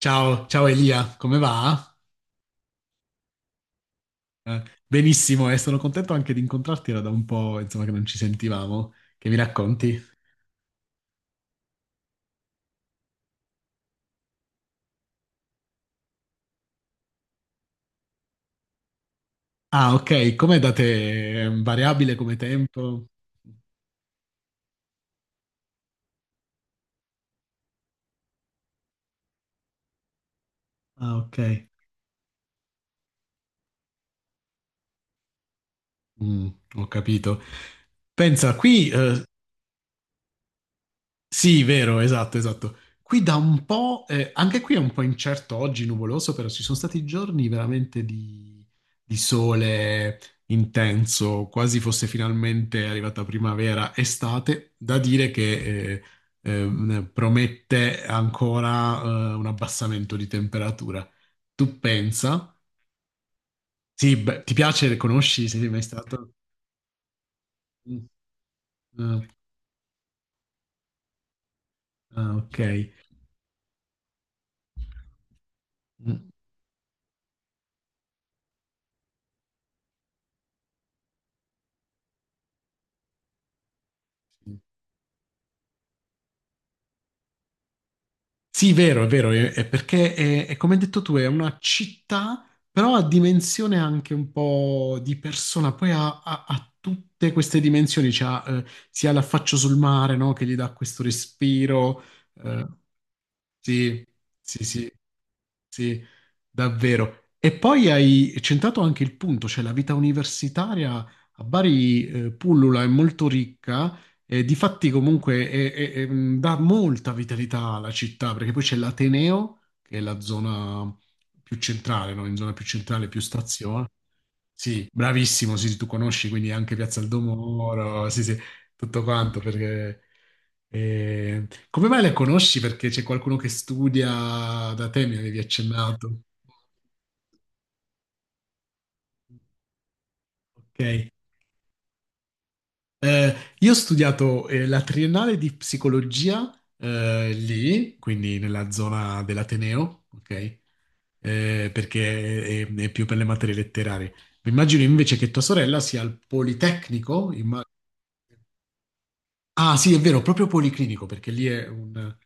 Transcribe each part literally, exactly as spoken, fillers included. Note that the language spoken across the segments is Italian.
Ciao, ciao Elia, come va? Eh, benissimo, e sono contento anche di incontrarti, era da un po', insomma, che non ci sentivamo. Che mi racconti? Ah, ok, com'è da te? È variabile come tempo? Ah, ok. Mm, ho capito. Pensa, qui eh, sì, vero, esatto, esatto. Qui da un po', eh, anche qui è un po' incerto oggi, nuvoloso, però ci sono stati giorni veramente di, di sole intenso, quasi fosse finalmente arrivata primavera, estate, da dire che eh, eh, promette ancora eh, un abbassamento di temperatura. Tu pensa? Sì, beh, ti piace, conosci, sei mai stato? Mm, eh, ah, ok. Mm. Sì. Sì, vero, è vero, è, è perché è, è come hai detto tu, è una città, però ha dimensione anche un po' di persona, poi ha, ha- ha tutte queste dimensioni, c'ha, eh, sia l'affaccio sul mare, no, che gli dà questo respiro, eh, sì, sì, sì, sì, davvero. E poi hai centrato anche il punto, cioè la vita universitaria a Bari, eh, pullula, è molto ricca, eh, difatti comunque è- è- è- mh, dà molta vitalità alla città, perché poi c'è l'Ateneo, che è la zona più centrale, no? In zona più centrale, più stazione. Sì, bravissimo, sì, sì, tu conosci, quindi anche Piazza del Domoro, sì, sì, tutto quanto, perché... eh, come mai le conosci? Perché c'è qualcuno che studia da te, mi avevi accennato. Ok. Eh, io ho studiato eh, la triennale di psicologia eh, lì, quindi nella zona dell'Ateneo, ok? Eh, perché è, è più per le materie letterarie. Mi immagino invece che tua sorella sia al Politecnico. Imma- ah, sì, è vero, proprio Policlinico, perché lì è un...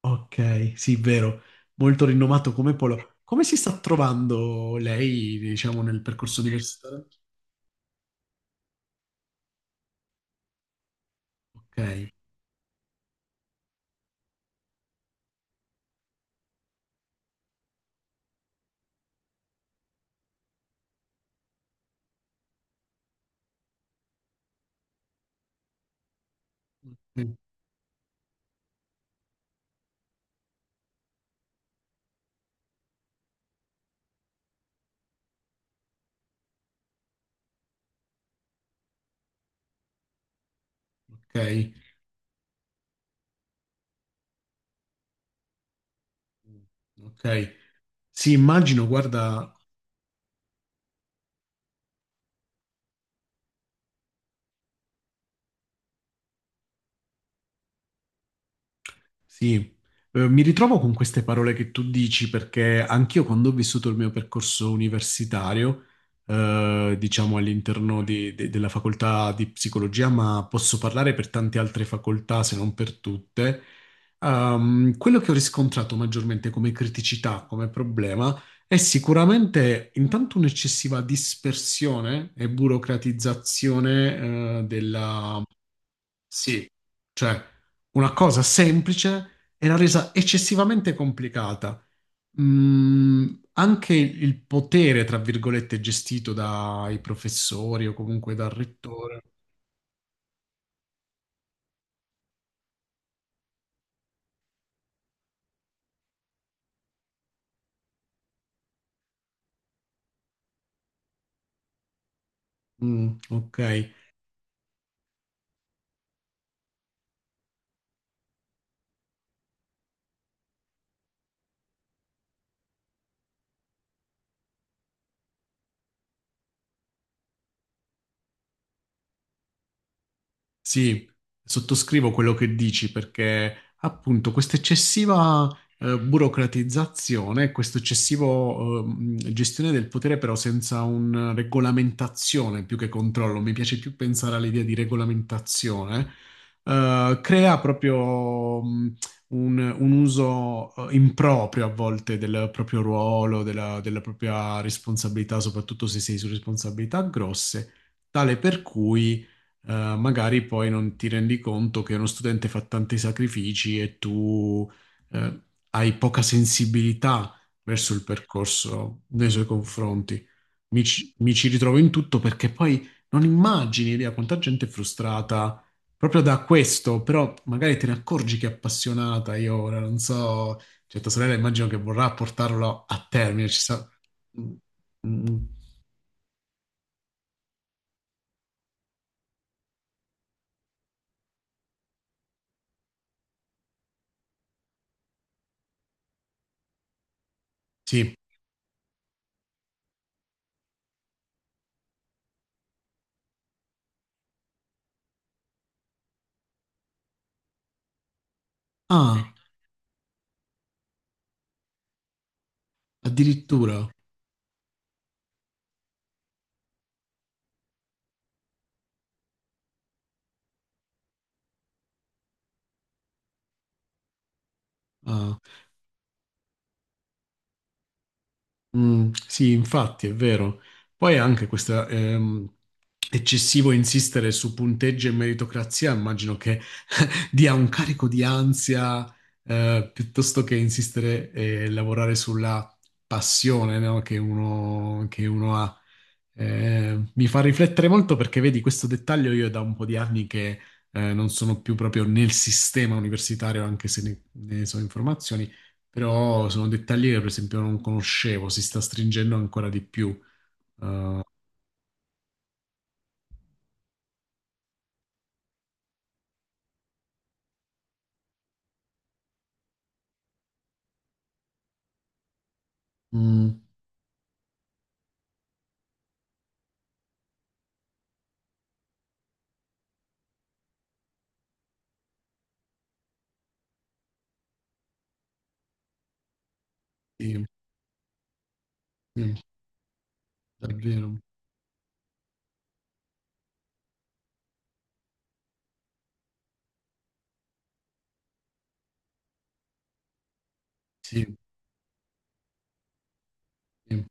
Ok, sì, vero, molto rinomato come polo. Come si sta trovando lei, diciamo, nel percorso universitario? Ok, ok, ok. Sì, immagino, guarda, sì, Eh, mi ritrovo con queste parole che tu dici perché anch'io quando ho vissuto il mio percorso universitario, eh, diciamo all'interno di- de- della facoltà di psicologia, ma posso parlare per tante altre facoltà se non per tutte, ehm, quello che ho riscontrato maggiormente come criticità, come problema, è sicuramente intanto un'eccessiva dispersione e burocratizzazione, eh, sì, cioè una cosa semplice era resa eccessivamente complicata. Mm, anche il il potere, tra virgolette, gestito dai professori o comunque dal rettore. Mm, ok. Sì, sottoscrivo quello che dici perché appunto questa eccessiva eh, burocratizzazione, questa eccessiva gestione del potere però senza una regolamentazione più che controllo, mi piace più pensare all'idea di regolamentazione, eh, crea proprio mh, un, un uso eh, improprio a volte del proprio ruolo, della, della propria responsabilità, soprattutto se sei su responsabilità grosse, tale per cui eh, magari poi non ti rendi conto che uno studente fa tanti sacrifici e tu eh, hai poca sensibilità verso il percorso nei suoi confronti. Mi ci, mi ci ritrovo in tutto perché poi non immagini, Elia, quanta gente è frustrata proprio da questo, però magari te ne accorgi che è appassionata. Io ora non so, cioè tua sorella immagino che vorrà portarlo a termine. Ci sa... Mm, mm, sì. Ah, addirittura. Ah. Mm, sì, infatti, è vero. Poi anche questo ehm, eccessivo insistere su punteggio e meritocrazia, immagino che dia un carico di ansia, eh, piuttosto che insistere e lavorare sulla passione, no, che uno, che uno ha. Eh, mi fa riflettere molto perché vedi questo dettaglio io è da un po' di anni che eh, non sono più proprio nel sistema universitario, anche se ne, ne so informazioni, però sono dettagli che per esempio non conoscevo, si sta stringendo ancora di più. Mm, sì, sì, davvero. Sì, sì,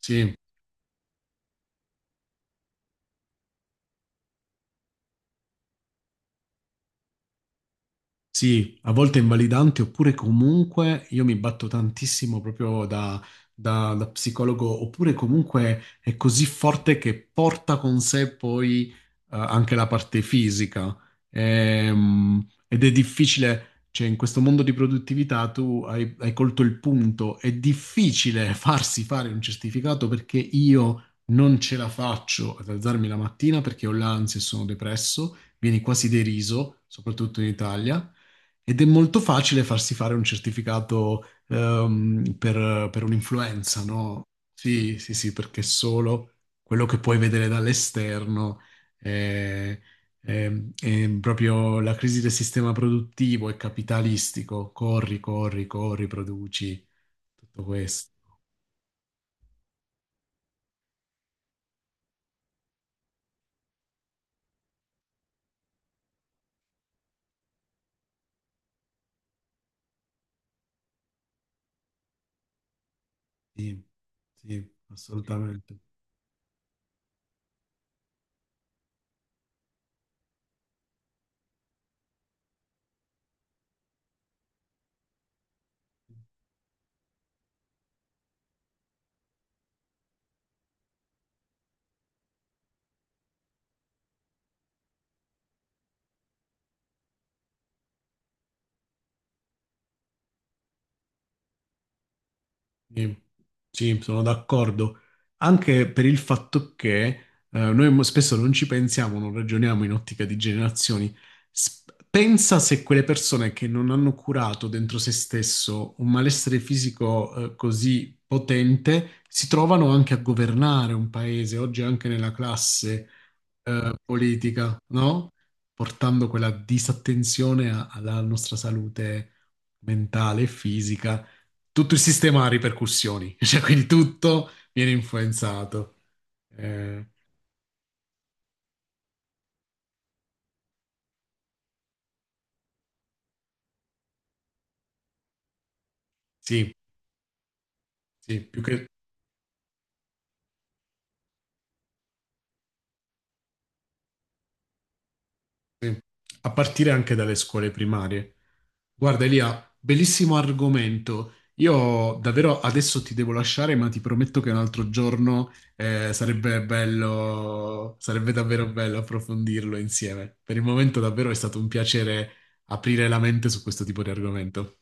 sì. Sì, a volte è invalidante, oppure comunque io mi batto tantissimo proprio da, da- da psicologo, oppure comunque è così forte che porta con sé poi eh, anche la parte fisica. Ehm, ed è difficile, cioè in questo mondo di produttività tu hai, hai colto il punto, è difficile farsi fare un certificato perché io non ce la faccio ad alzarmi la mattina perché ho l'ansia e sono depresso, vieni quasi deriso, soprattutto in Italia. Ed è molto facile farsi fare un certificato ehm, per, per un'influenza, no? Sì, sì, sì, perché solo quello che puoi vedere dall'esterno è, è- è proprio la crisi del sistema produttivo e capitalistico. Corri, corri, corri, produci, tutto questo. Sì, sì, assolutamente. Sì, sì, sono d'accordo. Anche per il fatto che eh, noi mo- spesso non ci pensiamo, non ragioniamo in ottica di generazioni. S- Pensa se quelle persone che non hanno curato dentro se stesso un malessere fisico eh, così potente si trovano anche a governare un paese, oggi anche nella classe eh, politica, no? Portando quella disattenzione a- alla nostra salute mentale e fisica, tutto il sistema ha ripercussioni, cioè quindi tutto viene influenzato. Eh, sì, sì, più che, sì. A partire anche dalle scuole primarie. Guarda Elia, bellissimo argomento. Io davvero adesso ti devo lasciare, ma ti prometto che un altro giorno eh, sarebbe bello, sarebbe davvero bello approfondirlo insieme. Per il momento davvero è stato un piacere aprire la mente su questo tipo di argomento.